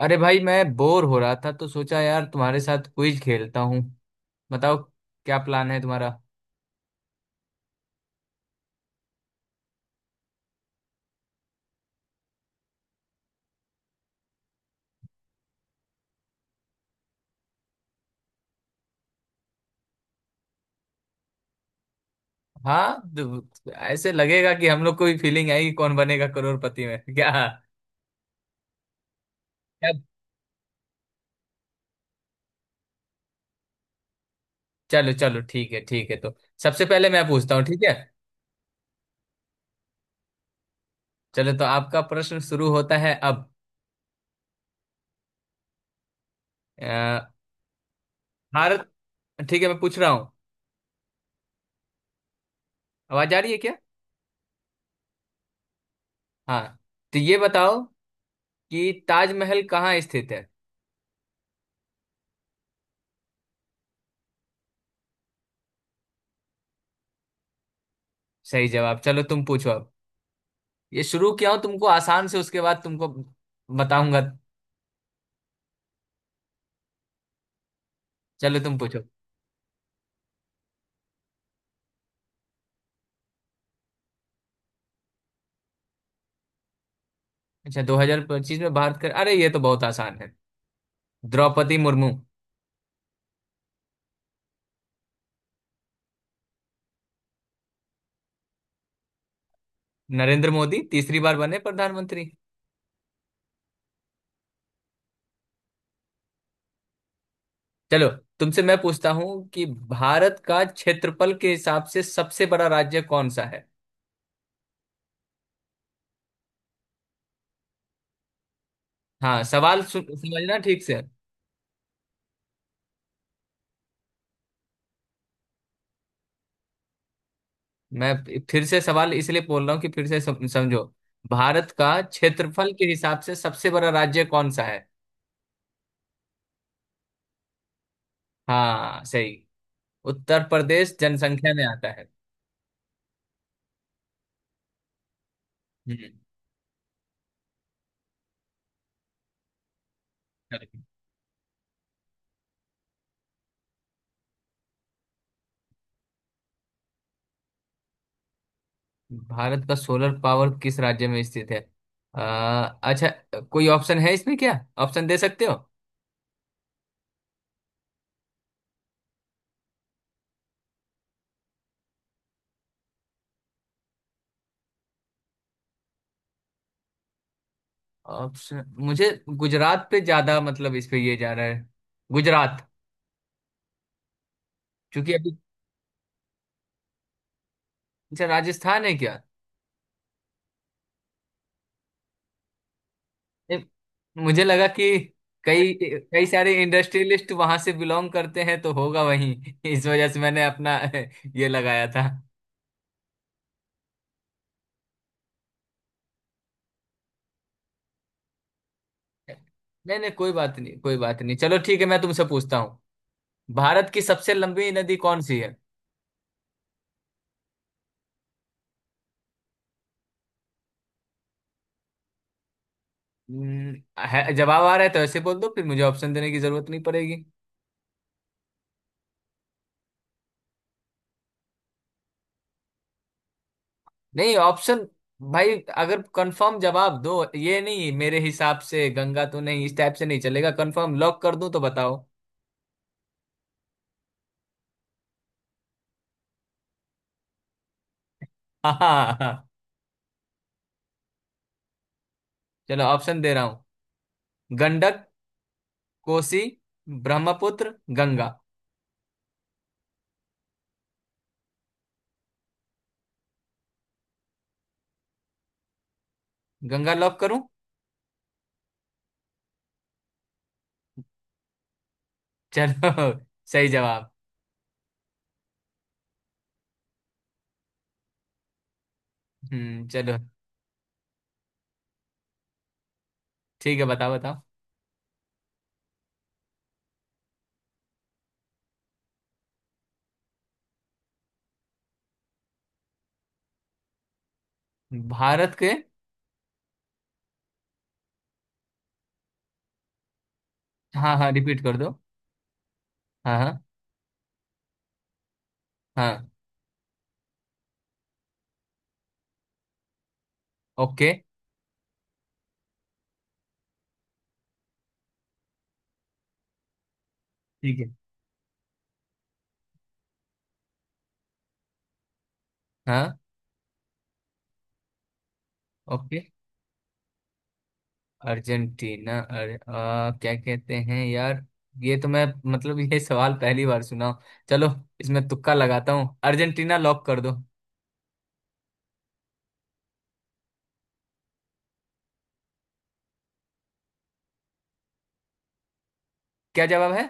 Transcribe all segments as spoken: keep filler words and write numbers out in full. अरे भाई मैं बोर हो रहा था तो सोचा यार तुम्हारे साथ क्विज खेलता हूँ। बताओ। क्या प्लान है तुम्हारा? हाँ, तो ऐसे लगेगा कि हम लोग को भी फीलिंग आएगी कौन बनेगा करोड़पति में। क्या? क्या? चलो चलो, ठीक है ठीक है, तो सबसे पहले मैं पूछता हूँ, ठीक है? चलो, तो आपका प्रश्न शुरू होता है अब। अ, भारत। ठीक है, मैं पूछ रहा हूँ। आवाज आ रही है क्या? हाँ। तो ये बताओ कि ताजमहल कहाँ स्थित है? सही जवाब। चलो तुम पूछो अब। ये शुरू किया हूँ तुमको आसान से, उसके बाद तुमको बताऊंगा। चलो तुम पूछो। अच्छा, दो हज़ार पच्चीस में भारत का, अरे ये तो बहुत आसान है। द्रौपदी मुर्मू। नरेंद्र मोदी तीसरी बार बने प्रधानमंत्री। चलो, तुमसे मैं पूछता हूँ कि भारत का क्षेत्रफल के हिसाब से सबसे बड़ा राज्य कौन सा है? हाँ, सवाल सु- समझना ठीक से। मैं फिर से सवाल इसलिए बोल रहा हूँ कि फिर से सम- समझो। भारत का क्षेत्रफल के हिसाब से सबसे बड़ा राज्य कौन सा है? हाँ सही। उत्तर प्रदेश जनसंख्या में आता है। हम्म। भारत का सोलर पावर किस राज्य में स्थित है? अ, अच्छा। कोई ऑप्शन है इसमें क्या? ऑप्शन दे सकते हो? ऑप्शन मुझे गुजरात पे ज्यादा, मतलब इस पे ये जा रहा है। गुजरात। क्योंकि अभी। अच्छा, राजस्थान है क्या? ए, मुझे लगा कि कई कई सारे इंडस्ट्रियलिस्ट वहां से बिलोंग करते हैं तो होगा वहीं। इस वजह से मैंने अपना ये लगाया था। नहीं नहीं, कोई बात नहीं, कोई बात नहीं। चलो ठीक है, मैं तुमसे पूछता हूँ। भारत की सबसे लंबी नदी कौन सी है? हम्म, है जवाब आ रहा है तो ऐसे बोल दो, फिर मुझे ऑप्शन देने की जरूरत नहीं पड़ेगी। नहीं ऑप्शन भाई, अगर कंफर्म जवाब दो, ये नहीं मेरे हिसाब से गंगा तो नहीं, इस टाइप से नहीं चलेगा। कंफर्म लॉक कर दूं तो बताओ? हाँ हाँ हाँ। चलो ऑप्शन दे रहा हूँ। गंडक, कोसी, ब्रह्मपुत्र, गंगा। गंगा लॉक करूं? चलो, सही जवाब। हम्म। चलो ठीक है, बताओ बताओ। भारत के। हाँ हाँ रिपीट कर दो। हाँ हाँ हाँ। ओके। ठीक है, हाँ। ओके। अर्जेंटीना। अरे आ, क्या कहते हैं यार। ये तो मैं, मतलब ये सवाल पहली बार सुना हूं। चलो, इसमें तुक्का लगाता हूँ, अर्जेंटीना लॉक कर दो। क्या जवाब है?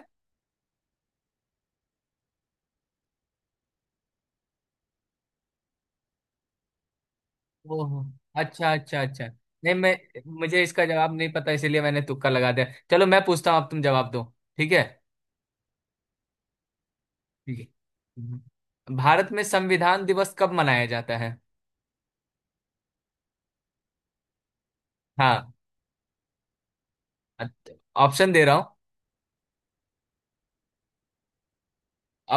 ओहो, अच्छा अच्छा अच्छा। नहीं, मैं मुझे इसका जवाब नहीं पता, इसीलिए मैंने तुक्का लगा दिया। चलो मैं पूछता हूँ अब, तुम जवाब दो, ठीक है? ठीक है, भारत में संविधान दिवस कब मनाया जाता है? हाँ, ऑप्शन दे रहा हूँ।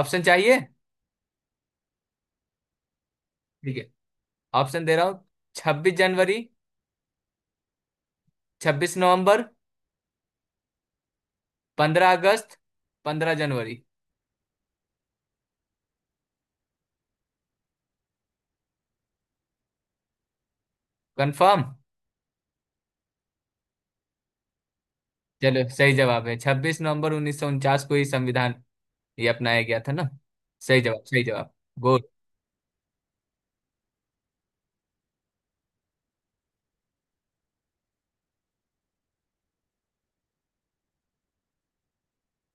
ऑप्शन चाहिए? ठीक है, ऑप्शन दे रहा हूँ। छब्बीस जनवरी, छब्बीस नवंबर, पंद्रह अगस्त, पंद्रह जनवरी। कंफर्म? चलो, सही जवाब है, छब्बीस नवंबर उन्नीस सौ उनचास को ही संविधान ये अपनाया गया था ना। सही जवाब, सही जवाब। गुड।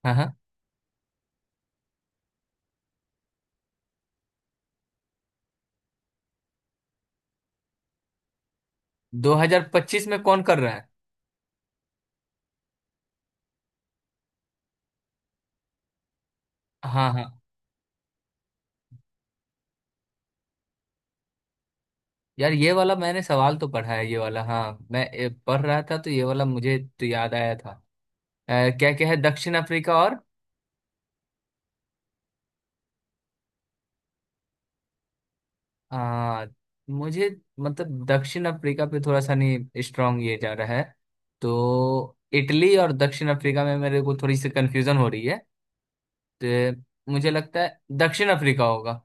हाँ हाँ। दो हजार पच्चीस में कौन कर रहा है? हाँ हाँ। यार, ये वाला मैंने सवाल तो पढ़ा है, ये वाला। हाँ मैं ए, पढ़ रहा था, तो ये वाला मुझे तो याद आया था। अ, क्या क्या है? दक्षिण अफ्रीका और। आ, मुझे, मतलब दक्षिण अफ्रीका पे थोड़ा सा, नहीं, स्ट्रांग ये जा रहा है। तो इटली और दक्षिण अफ्रीका में मेरे को थोड़ी सी कंफ्यूजन हो रही है। तो मुझे लगता है दक्षिण अफ्रीका होगा।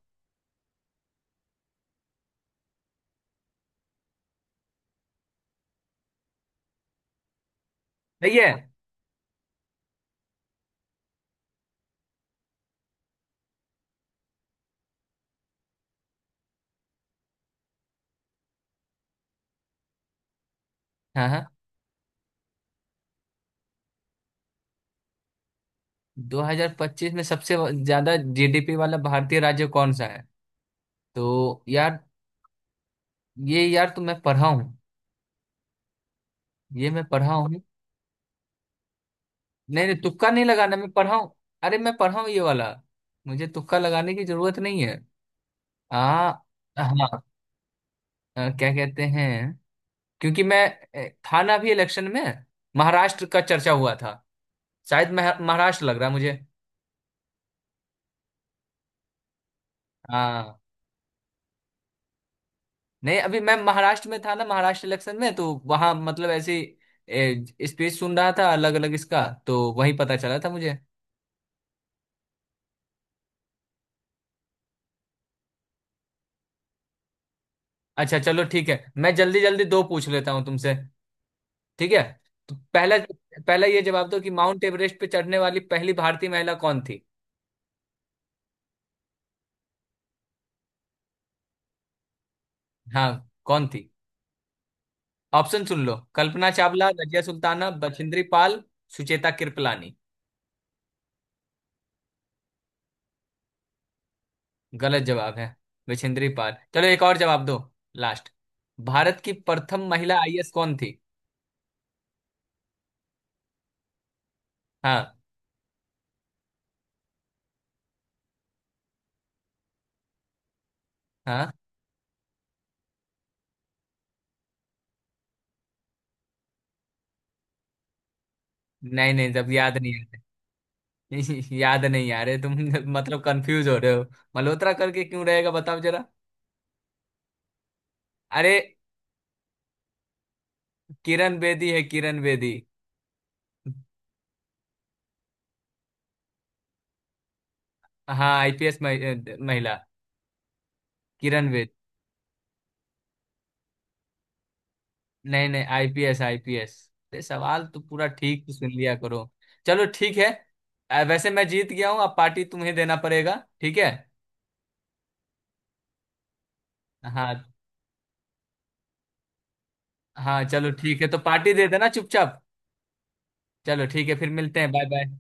सही है। हाँ हाँ। दो हज़ार पच्चीस में सबसे ज्यादा जी डी पी वाला भारतीय राज्य कौन सा है? तो यार, ये यार तो मैं पढ़ा हूँ। ये मैं पढ़ा हूँ। नहीं नहीं तुक्का नहीं लगाना, मैं पढ़ा हूँ। अरे मैं पढ़ा हूँ ये वाला, मुझे तुक्का लगाने की जरूरत नहीं है। आ हाँ। अ, क्या कहते हैं? क्योंकि मैं अ, था ना अभी इलेक्शन में। महाराष्ट्र का चर्चा हुआ था, शायद मह- महाराष्ट्र लग रहा है मुझे। हाँ। नहीं, अभी मैं महाराष्ट्र में था ना, महाराष्ट्र इलेक्शन में, तो वहां मतलब ऐसी स्पीच सुन रहा था अलग अलग इसका, तो वही पता चला था मुझे। अच्छा चलो ठीक है, मैं जल्दी जल्दी दो पूछ लेता हूँ तुमसे, ठीक है? तो पहला। पहला ये जवाब दो कि माउंट एवरेस्ट पे चढ़ने वाली पहली भारतीय महिला कौन थी? हाँ, कौन थी? ऑप्शन सुन लो। कल्पना चावला, रजिया सुल्ताना, बछेंद्री पाल, सुचेता कृपलानी। गलत जवाब है। बछेंद्री पाल। चलो एक और जवाब दो, लास्ट। भारत की प्रथम महिला आई ए एस कौन थी? हाँ हाँ। नहीं नहीं, जब याद नहीं आ रहा। याद नहीं आ रहे तुम। मतलब कंफ्यूज हो रहे हो? मल्होत्रा करके क्यों रहेगा बताओ जरा? अरे। किरण बेदी है, किरण बेदी। हाँ आई पी एस महिला। किरण बेदी। नहीं नहीं, I P S, I P S. अरे, सवाल तो पूरा ठीक से सुन लिया करो। चलो ठीक है। अ, वैसे मैं जीत गया हूँ, अब पार्टी तुम्हें देना पड़ेगा, ठीक है? हाँ हाँ। चलो ठीक है, तो पार्टी दे देना चुपचाप। चलो ठीक है, फिर मिलते हैं। Bye bye.